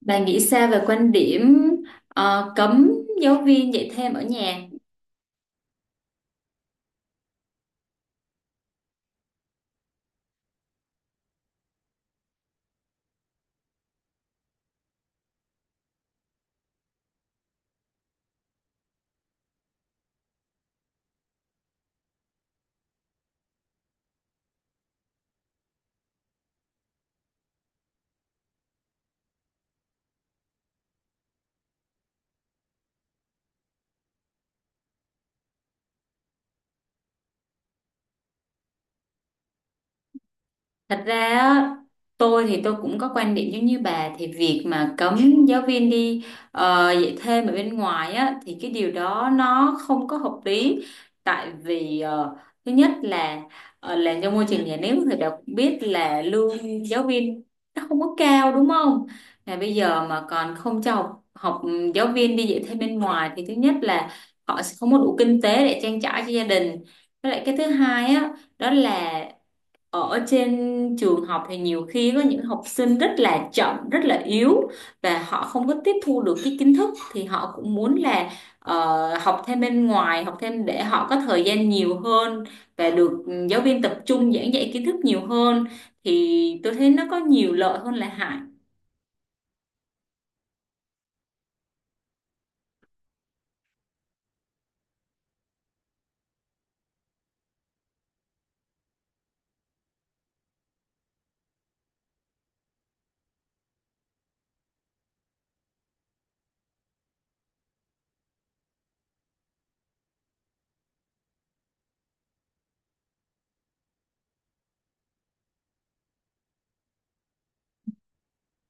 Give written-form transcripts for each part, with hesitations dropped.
Bà nghĩ sao về quan điểm cấm giáo viên dạy thêm ở nhà? Thật ra á, tôi thì tôi cũng có quan điểm giống như bà thì việc mà cấm giáo viên đi dạy thêm ở bên ngoài á thì cái điều đó nó không có hợp lý, tại vì thứ nhất là làm trong môi trường nhà nước thì đã cũng biết là lương giáo viên nó không có cao đúng không? Là bây giờ mà còn không cho học, học giáo viên đi dạy thêm bên ngoài thì thứ nhất là họ sẽ không có đủ kinh tế để trang trải cho gia đình. Với lại cái thứ hai á, đó là ở trên trường học thì nhiều khi có những học sinh rất là chậm rất là yếu và họ không có tiếp thu được cái kiến thức thì họ cũng muốn là học thêm bên ngoài, học thêm để họ có thời gian nhiều hơn và được giáo viên tập trung giảng dạy kiến thức nhiều hơn, thì tôi thấy nó có nhiều lợi hơn là hại.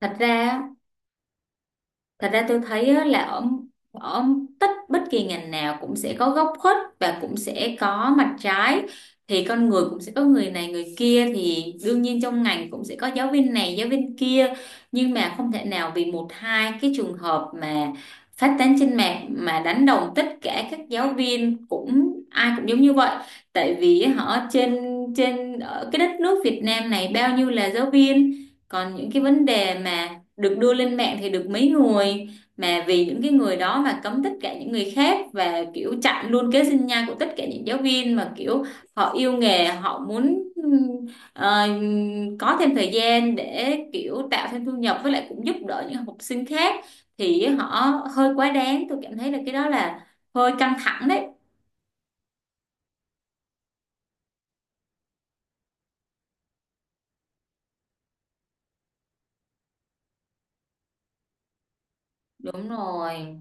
Thật ra Thật ra tôi thấy á, là ở ở tất bất kỳ ngành nào cũng sẽ có góc khuất và cũng sẽ có mặt trái, thì con người cũng sẽ có người này người kia thì đương nhiên trong ngành cũng sẽ có giáo viên này giáo viên kia, nhưng mà không thể nào vì một hai cái trường hợp mà phát tán trên mạng mà đánh đồng tất cả các giáo viên cũng ai cũng giống như vậy, tại vì họ trên trên ở cái đất nước Việt Nam này bao nhiêu là giáo viên, còn những cái vấn đề mà được đưa lên mạng thì được mấy người, mà vì những cái người đó mà cấm tất cả những người khác và kiểu chặn luôn kế sinh nhai của tất cả những giáo viên mà kiểu họ yêu nghề, họ muốn ờ, có thêm thời gian để kiểu tạo thêm thu nhập, với lại cũng giúp đỡ những học sinh khác, thì họ hơi quá đáng, tôi cảm thấy là cái đó là hơi căng thẳng đấy. Đúng rồi.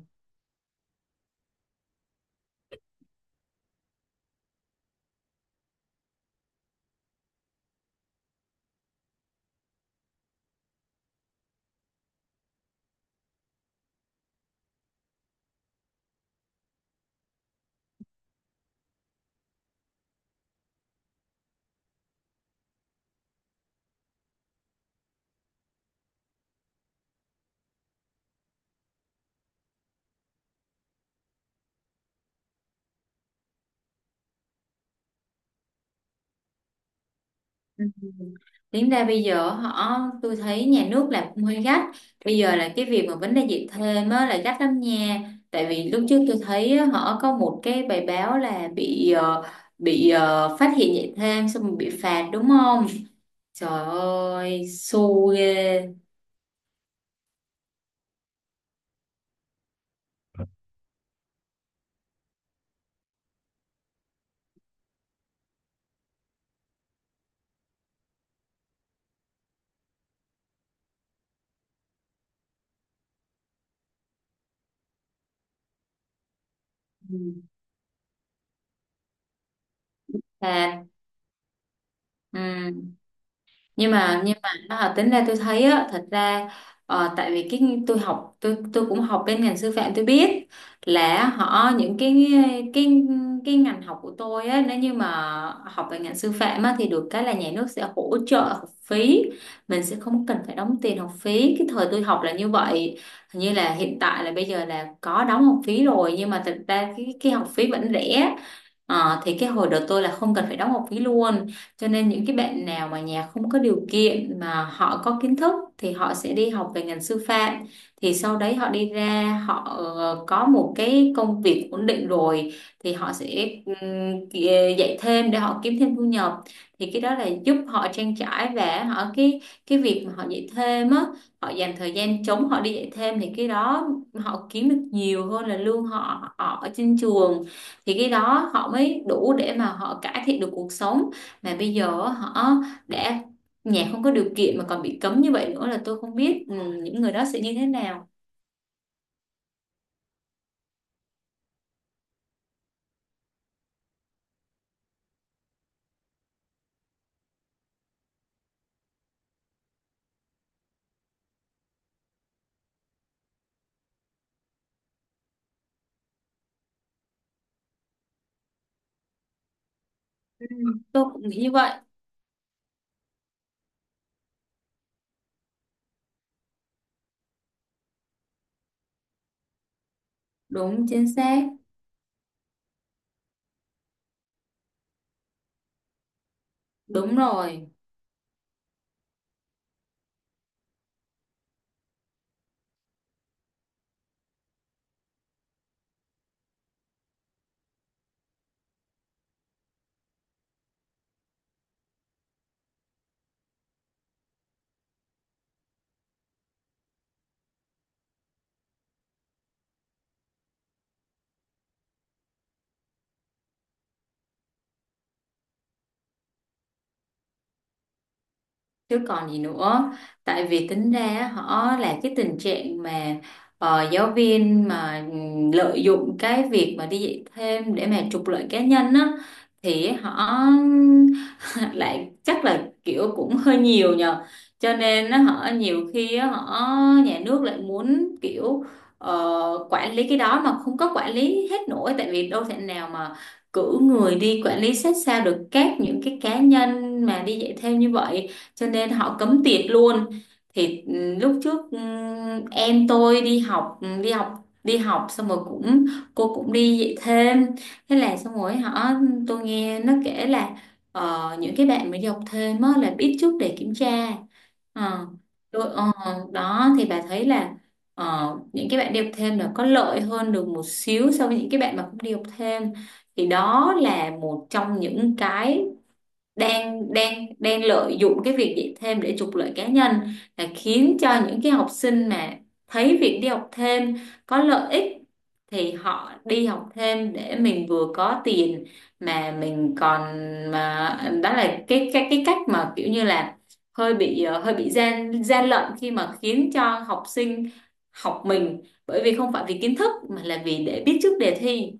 Ừ. Tính ra bây giờ họ tôi thấy nhà nước làm cũng hơi gắt, bây giờ là cái việc mà vấn đề dạy thêm á, là gắt lắm nha, tại vì lúc trước tôi thấy á, họ có một cái bài báo là bị phát hiện dạy thêm xong rồi bị phạt đúng không, trời ơi xu ghê. Ừ. Phạt. Ừ. nhưng mà tính ra tôi thấy á, thật ra tại vì cái tôi học tôi cũng học bên ngành sư phạm tôi biết là họ những cái cái ngành học của tôi á, nếu như mà học về ngành sư phạm á thì được cái là nhà nước sẽ hỗ trợ học phí, mình sẽ không cần phải đóng tiền học phí, cái thời tôi học là như vậy, hình như là hiện tại là bây giờ là có đóng học phí rồi nhưng mà thật ra cái học phí vẫn rẻ. Ờ, thì cái hồi đó tôi là không cần phải đóng học phí luôn, cho nên những cái bạn nào mà nhà không có điều kiện mà họ có kiến thức thì họ sẽ đi học về ngành sư phạm. Thì sau đấy họ đi ra có một cái công việc ổn định rồi thì họ sẽ dạy thêm để họ kiếm thêm thu nhập. Thì cái đó là giúp họ trang trải, và họ cái việc mà họ dạy thêm á, họ dành thời gian trống họ đi dạy thêm thì cái đó họ kiếm được nhiều hơn là lương họ họ ở trên trường. Thì cái đó họ mới đủ để mà họ cải thiện được cuộc sống, mà bây giờ họ đã nhà không có điều kiện mà còn bị cấm như vậy nữa là tôi không biết những người đó sẽ như thế nào. Ừ. Tôi cũng nghĩ như vậy. Đúng chính xác. Đúng rồi. Chứ còn gì nữa, tại vì tính ra á, họ là cái tình trạng mà giáo viên mà lợi dụng cái việc mà đi dạy thêm để mà trục lợi cá nhân á, thì họ lại chắc là kiểu cũng hơi nhiều nhờ, cho nên á, họ nhiều khi á, họ nhà nước lại muốn kiểu quản lý cái đó mà không có quản lý hết nổi, tại vì đâu thể nào mà cử người đi quản lý sát sao được các những cái cá nhân mà đi dạy thêm như vậy, cho nên họ cấm tiệc luôn. Thì lúc trước em tôi đi học đi học, đi học xong rồi cũng cô cũng đi dạy thêm, thế là xong rồi họ tôi nghe nó kể là những cái bạn mới đi học thêm á là biết trước để kiểm tra. Ờ, tôi đó thì bà thấy là những cái bạn đi học thêm là có lợi hơn được một xíu so với những cái bạn mà không đi học thêm, thì đó là một trong những cái đang đang đang lợi dụng cái việc dạy thêm để trục lợi cá nhân, là khiến cho những cái học sinh mà thấy việc đi học thêm có lợi ích thì họ đi học thêm để mình vừa có tiền mà mình còn, mà đó là cái cách mà kiểu như là hơi bị hơi bị gian gian lận khi mà khiến cho học sinh học mình bởi vì không phải vì kiến thức mà là vì để biết trước đề thi.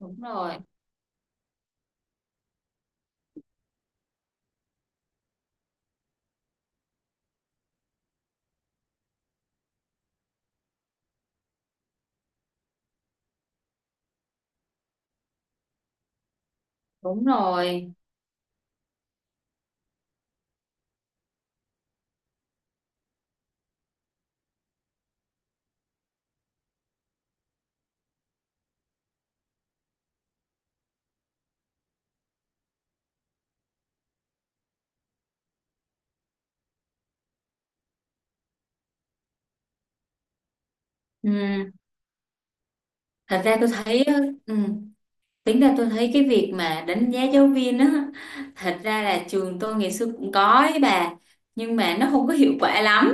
Đúng rồi. Đúng rồi. Ừ. Thật ra tôi thấy. Ừ. Tính ra tôi thấy cái việc mà đánh giá giáo viên á, thật ra là trường tôi ngày xưa cũng có ấy bà, nhưng mà nó không có hiệu quả lắm.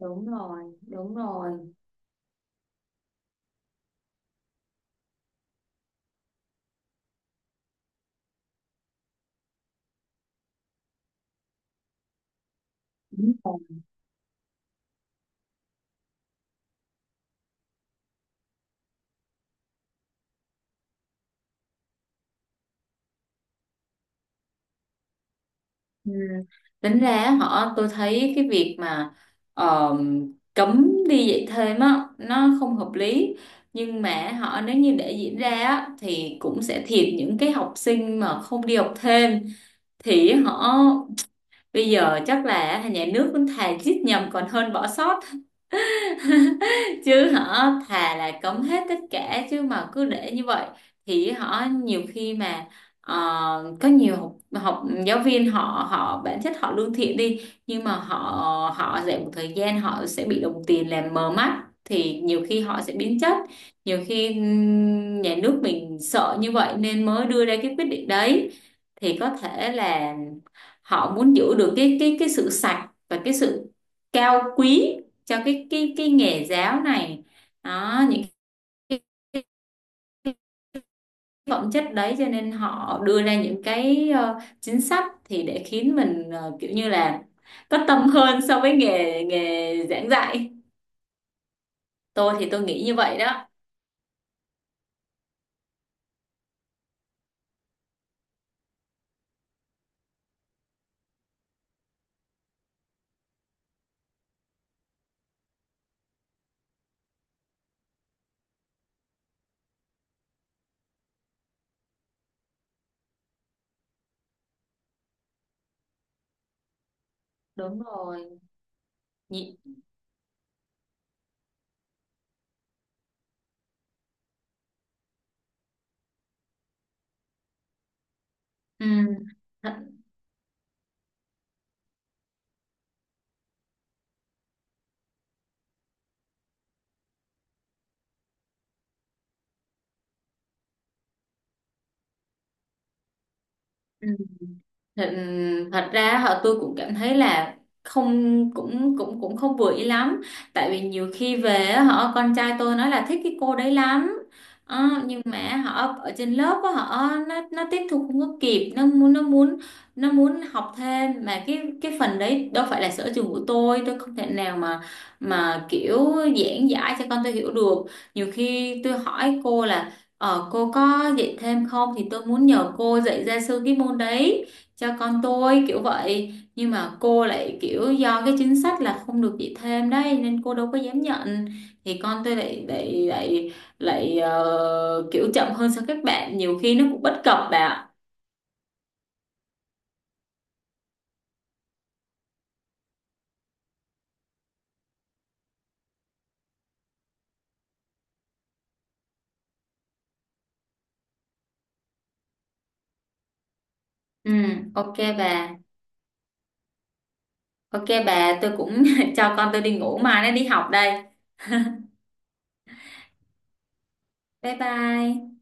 Đúng rồi, đúng rồi. Đúng rồi. Ừ. Tính ra họ tôi thấy cái việc mà ờ, cấm đi dạy thêm á, nó không hợp lý. Nhưng mà họ nếu như để diễn ra á, thì cũng sẽ thiệt những cái học sinh mà không đi học thêm. Thì họ bây giờ chắc là nhà nước cũng thà giết nhầm còn hơn bỏ sót. Chứ họ thà là cấm hết tất cả chứ mà cứ để như vậy thì họ nhiều khi mà có nhiều học, học giáo viên họ họ bản chất họ lương thiện đi, nhưng mà họ họ dạy một thời gian họ sẽ bị đồng tiền làm mờ mắt thì nhiều khi họ sẽ biến chất, nhiều khi nhà nước mình sợ như vậy nên mới đưa ra cái quyết định đấy, thì có thể là họ muốn giữ được cái sự sạch và cái sự cao quý cho cái nghề giáo này, đó những cái cái phẩm chất đấy cho nên họ đưa ra những cái chính sách thì để khiến mình kiểu như là có tâm hơn so với nghề nghề giảng dạy. Tôi thì tôi nghĩ như vậy đó. Đúng rồi. Nhị- ừ. Thật- ừ. thật, Thật ra họ tôi cũng cảm thấy là không cũng cũng cũng không vừa ý lắm, tại vì nhiều khi về á, họ con trai tôi nói là thích cái cô đấy lắm. Ờ, nhưng mà họ ở trên lớp á, họ nó tiếp thu không có kịp, nó muốn học thêm mà cái phần đấy đâu phải là sở trường của tôi không thể nào mà kiểu giảng giải cho con tôi hiểu được. Nhiều khi tôi hỏi cô là cô có dạy thêm không thì tôi muốn nhờ cô dạy ra sư cái môn đấy cho con tôi kiểu vậy, nhưng mà cô lại kiểu do cái chính sách là không được dạy thêm đấy nên cô đâu có dám nhận, thì con tôi lại lại lại lại kiểu chậm hơn so với các bạn, nhiều khi nó cũng bất cập bà ạ. Ừ. Ok bà. Ok bà, tôi cũng cho con tôi đi ngủ mai nó đi học đây. Bye bye.